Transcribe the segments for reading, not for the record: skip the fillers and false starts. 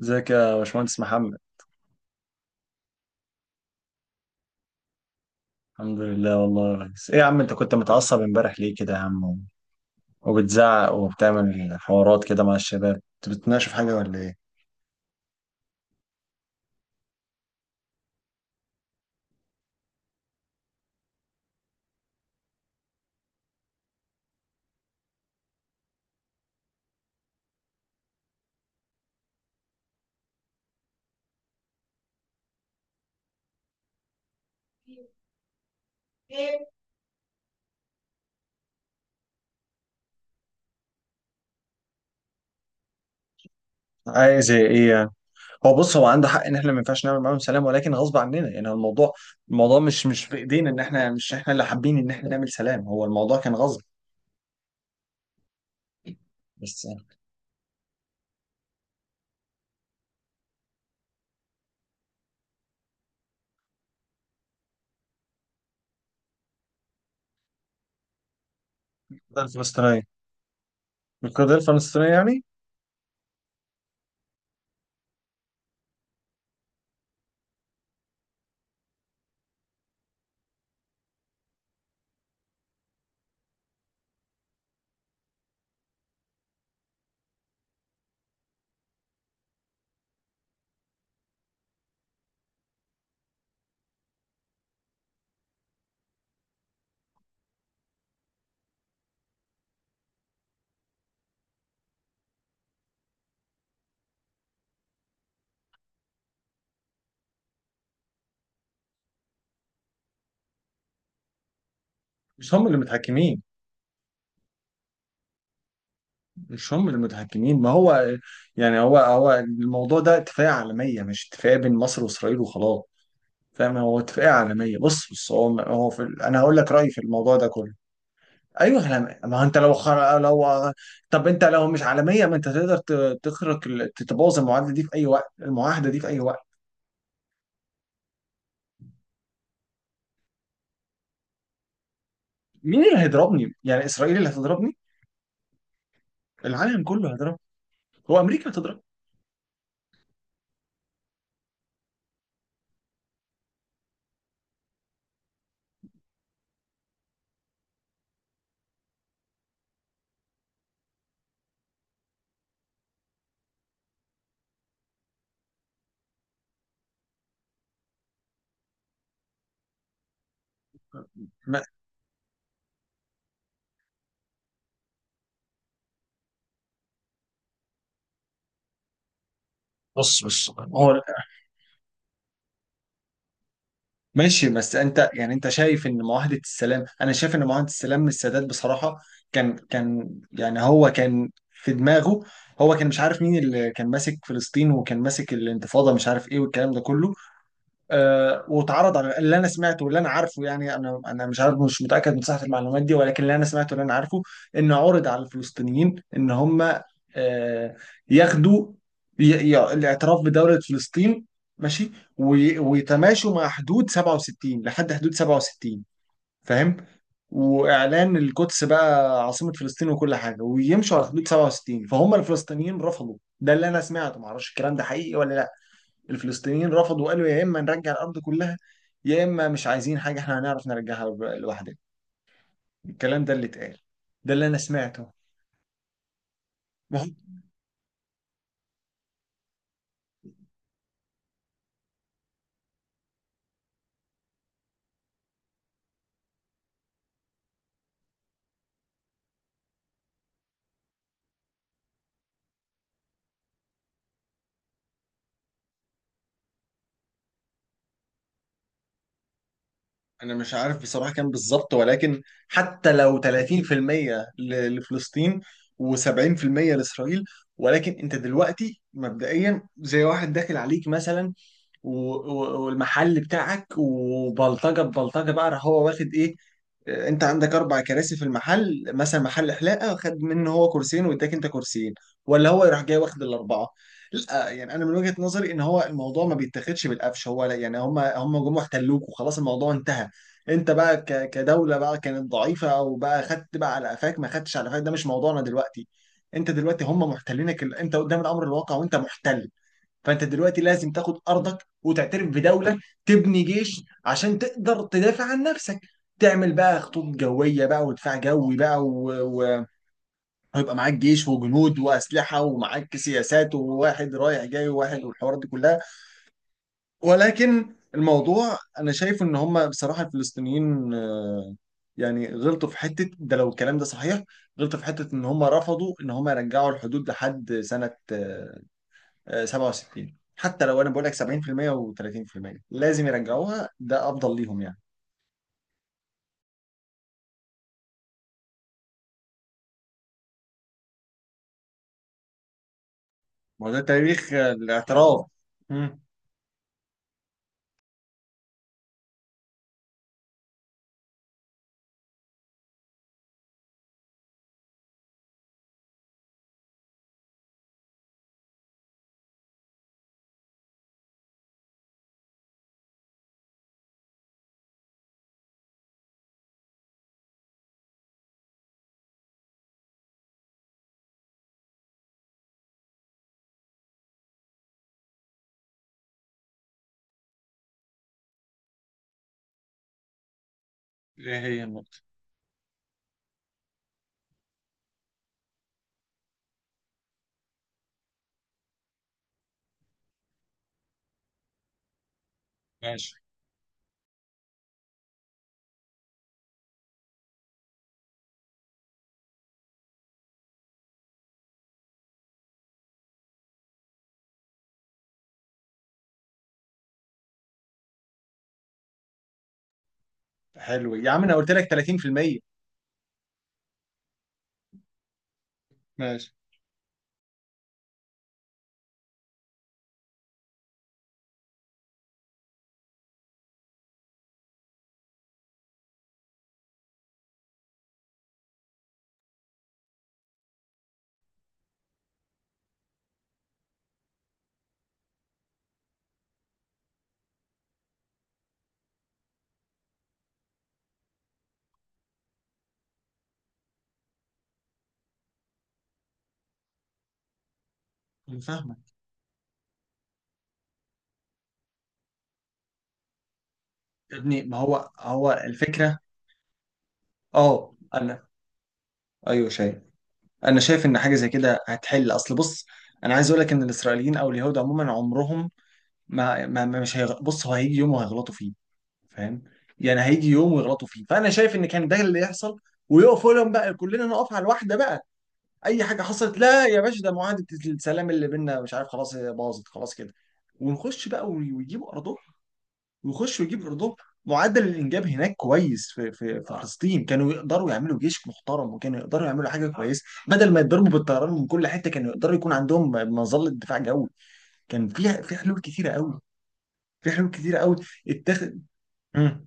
ازيك يا باشمهندس محمد؟ الحمد لله والله يا ريس. ايه يا عم، انت كنت متعصب امبارح ليه كده يا عم؟ وبتزعق وبتعمل حوارات كده مع الشباب، انت بتتناقشوا في حاجه ولا ايه؟ عايز ايه يعني؟ هو بص، هو عنده حق ان احنا ما ينفعش نعمل معاهم سلام، ولكن غصب عننا يعني. هو الموضوع مش في ايدينا، ان احنا مش احنا اللي حابين ان احنا نعمل سلام، هو الموضوع كان غصب. بس يعني. القضيه الفلسطينيه. القضيه الفلسطينيه يعني. مش هم اللي متحكمين، مش هم المتحكمين ما هو. يعني هو الموضوع ده اتفاقية عالمية، مش اتفاقية بين مصر وإسرائيل وخلاص. فاهم؟ هو اتفاقية عالمية. بص، هو في أنا هقول لك رأيي في الموضوع ده كله. أيوه احنا، ما هو أنت لو لو، طب أنت لو مش عالمية، ما أنت تقدر تخرق تتبوظ المعاهدة دي في أي وقت، المعاهدة دي في أي وقت. مين اللي هيضربني؟ يعني إسرائيل اللي هتضربني؟ العالم كله هيضربني؟ هو أمريكا هتضربني؟ ما- بص بص، هو ماشي. بس انت يعني، انت شايف ان معاهدة السلام، انا شايف ان معاهدة السلام من السادات بصراحة كان يعني، هو كان في دماغه. هو كان مش عارف مين اللي كان ماسك فلسطين، وكان ماسك الانتفاضة، مش عارف ايه والكلام ده كله. واتعرض على اللي انا سمعته واللي انا عارفه. يعني انا مش عارف، مش متاكد من صحه المعلومات دي، ولكن اللي انا سمعته واللي انا عارفه، انه عرض على الفلسطينيين ان هم آه، ياخدوا ي- الاعتراف بدوله فلسطين، ماشي، ويتماشوا مع حدود 67، لحد حدود 67. فاهم؟ واعلان القدس بقى عاصمه فلسطين وكل حاجه، ويمشوا على حدود 67. فهم الفلسطينيين رفضوا، ده اللي انا سمعته، معرفش الكلام ده حقيقي ولا لا. الفلسطينيين رفضوا وقالوا يا اما نرجع الارض كلها، يا اما مش عايزين حاجه، احنا هنعرف نرجعها لوحدنا. الكلام ده اللي اتقال، ده اللي انا سمعته. وهو- انا مش عارف بصراحه كام بالظبط، ولكن حتى لو 30% لفلسطين و70% لاسرائيل. ولكن انت دلوقتي مبدئيا زي واحد داخل عليك مثلا، والمحل بتاعك، وبلطجه ببلطجه بقى، راح هو واخد ايه؟ انت عندك اربع كراسي في المحل مثلا، محل حلاقه، خد منه هو كرسيين واداك انت كرسيين، ولا هو يروح جاي واخد الاربعه؟ لا، يعني انا من وجهه نظري ان هو الموضوع ما بيتاخدش بالقفش. هو لا يعني، هم جم واحتلوك وخلاص، الموضوع انتهى. انت بقى كدوله بقى كانت ضعيفه، او بقى خدت بقى على قفاك، ما خدتش على قفاك، ده مش موضوعنا دلوقتي. انت دلوقتي هم محتلينك، انت قدام الامر الواقع، وانت محتل. فانت دلوقتي لازم تاخد ارضك وتعترف بدوله، تبني جيش عشان تقدر تدافع عن نفسك، تعمل بقى خطوط جويه بقى ودفاع جوي بقى ويبقى معاك جيش وجنود واسلحه، ومعاك سياسات، وواحد رايح جاي وواحد، والحوارات دي كلها. ولكن الموضوع، انا شايف ان هم بصراحه الفلسطينيين يعني غلطوا في حته، ده لو الكلام ده صحيح. غلطوا في حته ان هم رفضوا ان هم يرجعوا الحدود لحد سنه 67. حتى لو انا بقول لك 70% و30%، لازم يرجعوها، ده افضل ليهم يعني. ما هو ده تاريخ الاعتراف. مم. ايه هي النقطة؟ ماشي. حلو يا عم، انا قلت لك 30%. ماشي. انا فاهمك. يا ابني، ما هو هو الفكره. اه انا. ايوه شايف، انا شايف ان حاجه زي كده هتحل. اصل بص، انا عايز اقول لك ان الاسرائيليين او اليهود عموما عمرهم ما، مش بص، هو هيجي يوم وهيغلطوا فيه. فاهم؟ يعني هيجي يوم ويغلطوا فيه، فانا شايف ان كان ده اللي يحصل، ويقفوا لهم بقى، كلنا نقف على الواحده بقى. اي حاجه حصلت، لا يا باشا ده معاهده السلام اللي بينا مش عارف، خلاص هي باظت خلاص كده، ونخش بقى ويجيبوا ارضهم، ويخشوا يجيبوا ارضهم. معدل الانجاب هناك كويس في فلسطين، كانوا يقدروا يعملوا جيش محترم، وكانوا يقدروا يعملوا حاجه كويسه بدل ما يتضربوا بالطيران من كل حته، كانوا يقدروا يكون عندهم مظله دفاع جوي. كان في حلول كتيره قوي، في حلول كتيره قوي. اتخذ. مم.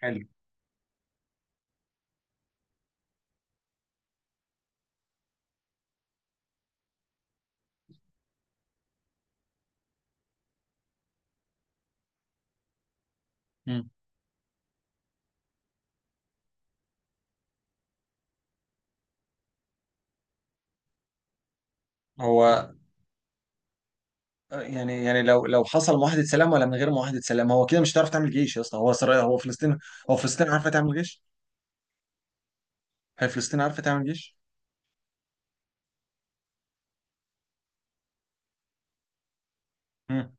حلو. مم. هو يعني لو حصل معاهدة سلام، ولا من غير معاهدة سلام، هو كده مش هتعرف تعمل جيش يا اسطى. هو اسرائيل، هو فلسطين. هو فلسطين عارفة تعمل جيش؟ هي فلسطين عارفة تعمل جيش؟ مم.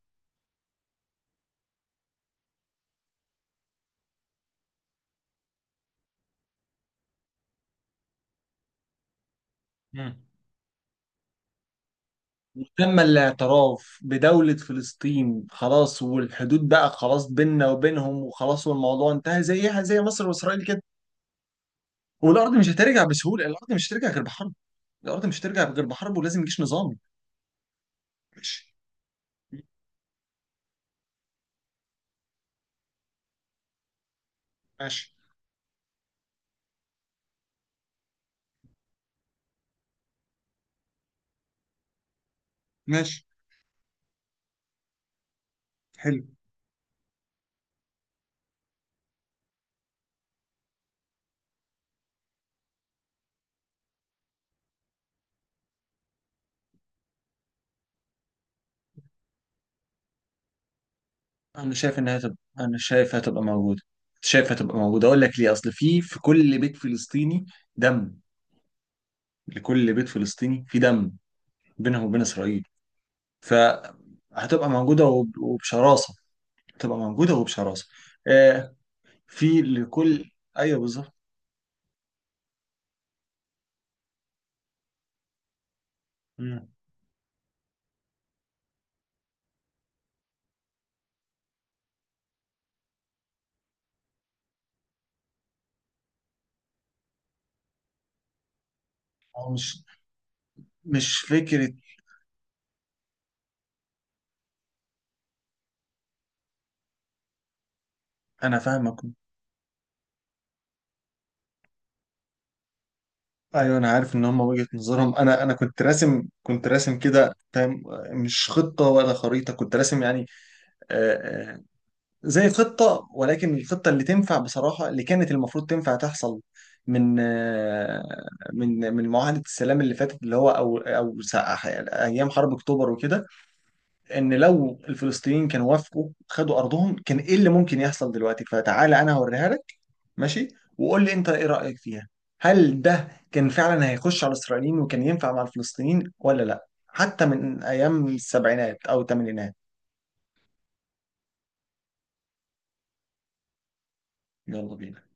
مم. وتم الاعتراف بدولة فلسطين خلاص، والحدود بقى خلاص بيننا وبينهم وخلاص، والموضوع انتهى، زيها زي مصر واسرائيل كده. والارض مش هترجع بسهولة، الارض مش هترجع غير بحرب، الارض مش هترجع غير بحرب، ولازم جيش نظامي. ماشي. ماشي. ماشي. حلو. انا شايف انها هتبقى، انا شايف هتبقى موجوده، شايف هتبقى موجوده. اقول لك ليه؟ اصل في كل بيت فلسطيني دم. لكل بيت فلسطيني في دم بينهم وبين اسرائيل. فهتبقى موجوده وبشراسه، هتبقى موجوده وبشراسه. آه. في لكل. ايوه بالظبط. مم. هو مش فكره. انا فاهمك. ايوه انا عارف ان هم وجهه نظرهم. انا كنت راسم، كنت راسم كده. فاهم؟ مش خطه ولا خريطه، كنت راسم يعني. آه، آه، زي خطة. ولكن الخطة اللي تنفع بصراحة، اللي كانت المفروض تنفع تحصل من من معاهدة السلام اللي فاتت، اللي هو أو أو أيام حرب أكتوبر وكده. إن لو الفلسطينيين كانوا وافقوا خدوا أرضهم، كان إيه اللي ممكن يحصل دلوقتي؟ فتعالى أنا هوريها لك. ماشي. وقول لي أنت إيه رأيك فيها، هل ده كان فعلا هيخش على الإسرائيليين وكان ينفع مع الفلسطينيين ولا لأ؟ حتى من أيام السبعينات أو الثمانينات. يلا بينا.